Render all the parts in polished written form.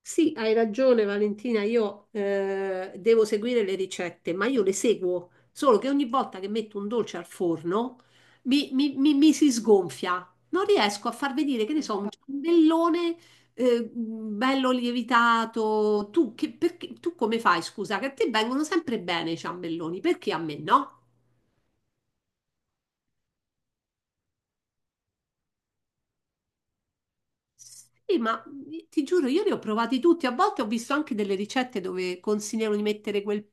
Sì, hai ragione Valentina, io devo seguire le ricette, ma io le seguo, solo che ogni volta che metto un dolce al forno mi si sgonfia, non riesco a far vedere, che ne so, un infatti, ciambellone bello lievitato. Tu come fai, scusa, che a te vengono sempre bene i ciambelloni, perché a me no? Sì, ma ti giuro, io li ho provati tutti. A volte ho visto anche delle ricette dove consigliano di mettere quel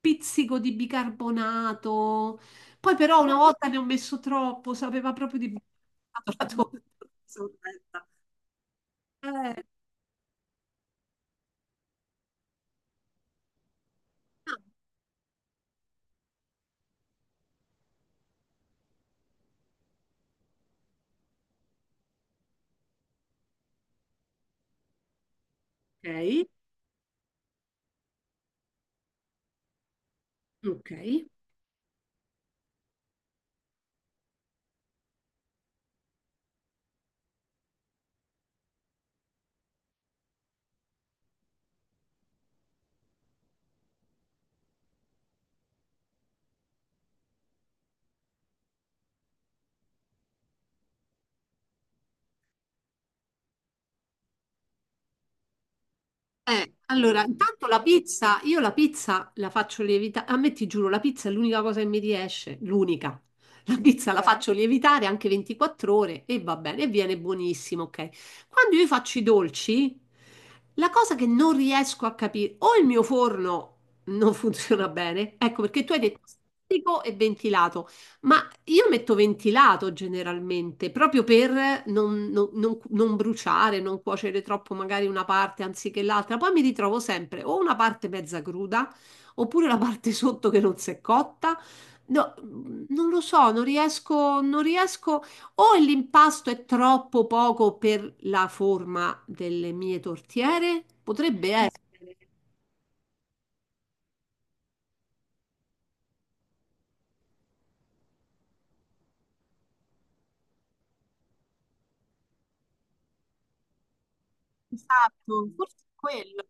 pizzico di bicarbonato. Poi però una volta ne ho messo troppo, sapeva proprio di bicarbonato la torta. Eh, ah, ok, ok. Allora, intanto la pizza, io la pizza la faccio lievitare, a me ti giuro, la pizza è l'unica cosa che mi riesce, l'unica. La pizza la, ok, faccio lievitare anche 24 ore e va bene, e viene buonissimo, ok? Quando io faccio i dolci, la cosa che non riesco a capire, o il mio forno non funziona bene, ecco perché tu hai detto statico e ventilato. Ma io metto ventilato generalmente, proprio per non bruciare, non cuocere troppo magari una parte anziché l'altra. Poi mi ritrovo sempre o una parte mezza cruda, oppure la parte sotto che non si è cotta. No, non lo so, non riesco, non riesco. O l'impasto è troppo poco per la forma delle mie tortiere? Potrebbe essere. Esatto, forse è quello.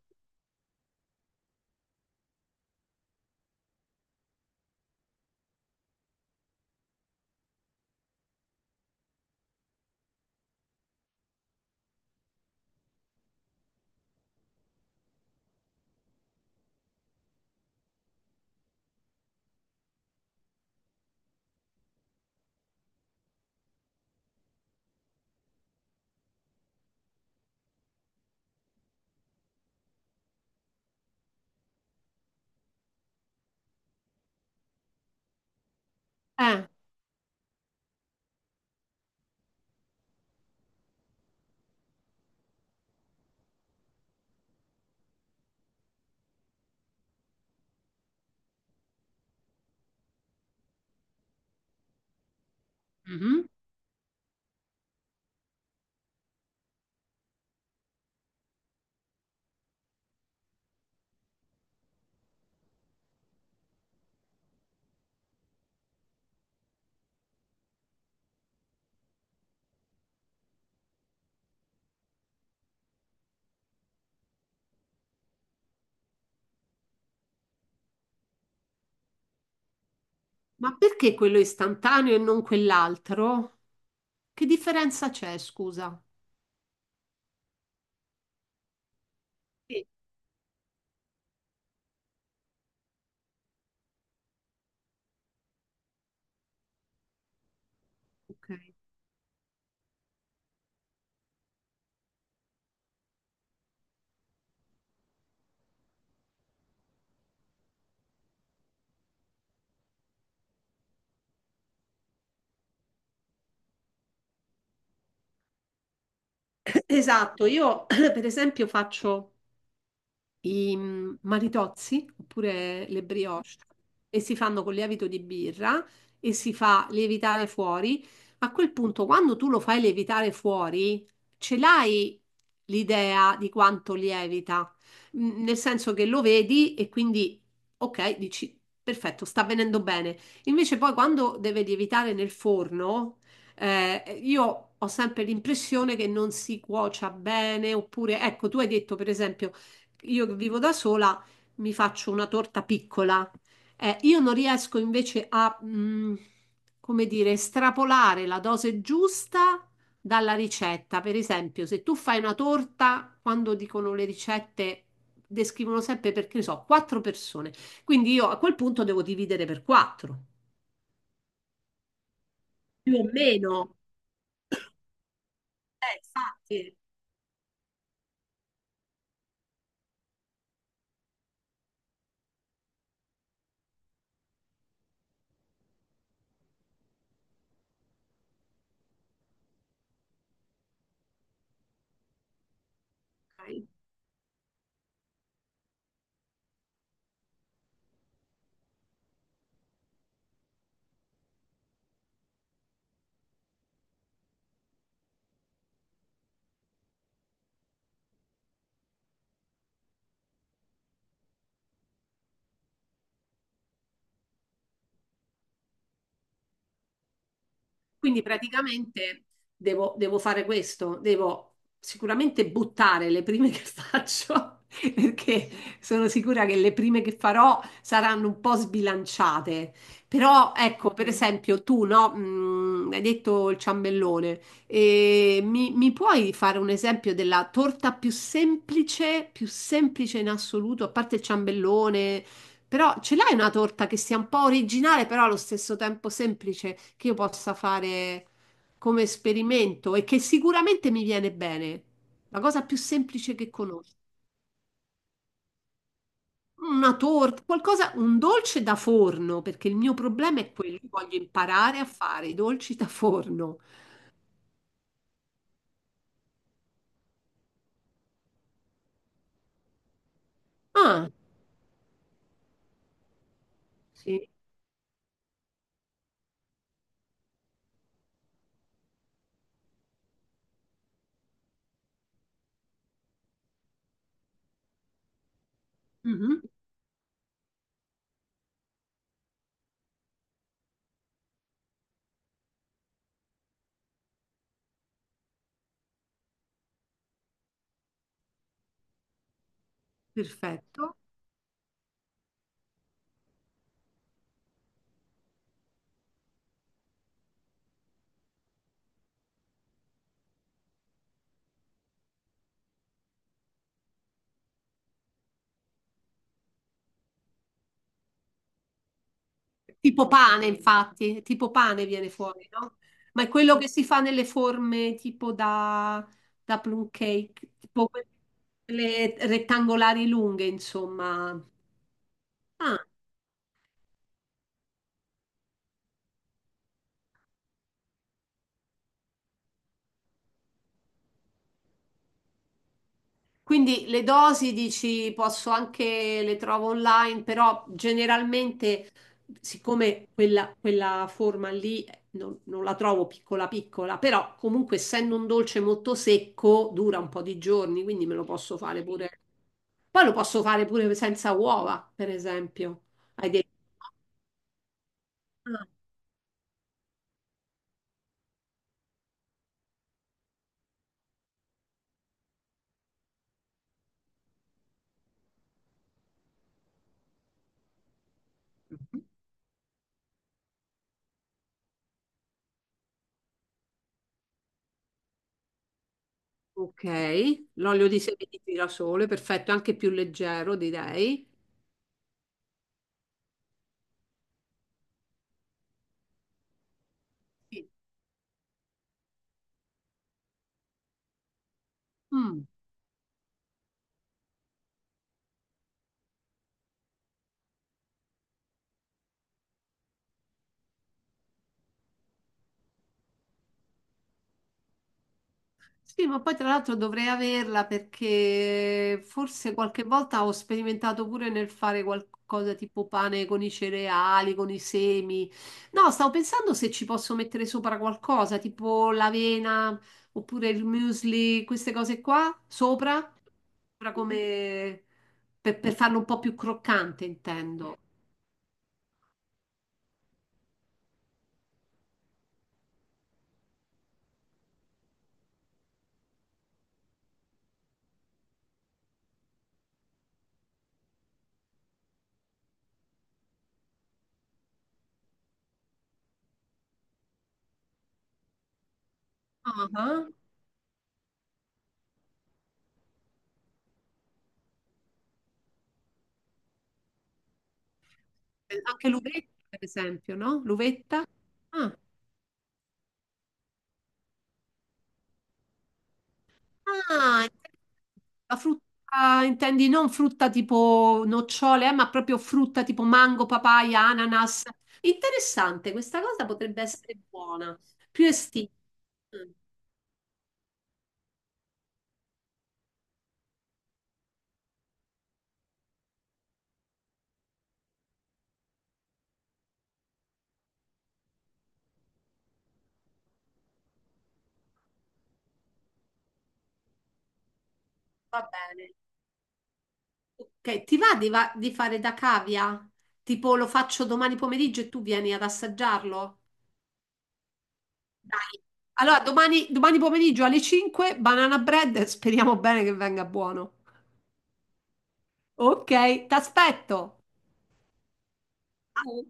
Eh. Mhm. Ma perché quello è istantaneo e non quell'altro? Che differenza c'è, scusa? Sì, ok. Esatto, io per esempio faccio i maritozzi oppure le brioche e si fanno con lievito di birra e si fa lievitare fuori. A quel punto, quando tu lo fai lievitare fuori, ce l'hai l'idea di quanto lievita, nel senso che lo vedi e quindi, ok, dici, perfetto, sta venendo bene. Invece poi quando deve lievitare nel forno, io ho sempre l'impressione che non si cuocia bene, oppure, ecco, tu hai detto per esempio io che vivo da sola mi faccio una torta piccola. Io non riesco invece a, come dire, estrapolare la dose giusta dalla ricetta. Per esempio, se tu fai una torta, quando dicono le ricette, descrivono sempre perché ne so, quattro persone. Quindi io a quel punto devo dividere per quattro, più o meno. Infatti. Ok. Quindi praticamente devo fare questo, devo sicuramente buttare le prime che faccio, perché sono sicura che le prime che farò saranno un po' sbilanciate. Però ecco, per esempio, tu no, hai detto il ciambellone. E mi puoi fare un esempio della torta più semplice in assoluto, a parte il ciambellone? Però ce l'hai una torta che sia un po' originale, però allo stesso tempo semplice, che io possa fare come esperimento e che sicuramente mi viene bene. La cosa più semplice che conosco. Una torta, qualcosa, un dolce da forno, perché il mio problema è quello, io voglio imparare a fare i dolci da forno. Ah, sì. Mhm, perfetto. Tipo pane, infatti, tipo pane viene fuori, no? Ma è quello che si fa nelle forme tipo da plum cake, tipo quelle rettangolari lunghe, insomma. Ah, quindi le dosi dici posso anche le trovo online, però generalmente, siccome quella forma lì non la trovo piccola piccola, però comunque essendo un dolce molto secco dura un po' di giorni, quindi me lo posso fare pure. Poi lo posso fare pure senza uova, per esempio. Hai detto. Ah, ok, l'olio di semi di girasole, perfetto, anche più leggero, direi. Sì. Mm. Sì, ma poi tra l'altro dovrei averla perché forse qualche volta ho sperimentato pure nel fare qualcosa tipo pane con i cereali, con i semi. No, stavo pensando se ci posso mettere sopra qualcosa, tipo l'avena oppure il muesli, queste cose qua, sopra come per farlo un po' più croccante, intendo. Ah, ah. Anche l'uvetta, per esempio, no? L'uvetta. Ah. Ah, la frutta, intendi non frutta tipo nocciole, ma proprio frutta tipo mango, papaya, ananas. Interessante, questa cosa potrebbe essere buona. Più estiva. Mm, Va bene. Ok, ti va di fare da cavia? Tipo lo faccio domani pomeriggio e tu vieni ad assaggiarlo? Dai. Allora, domani pomeriggio alle 5, banana bread, speriamo bene che venga buono. Ok, ti aspetto. Ciao.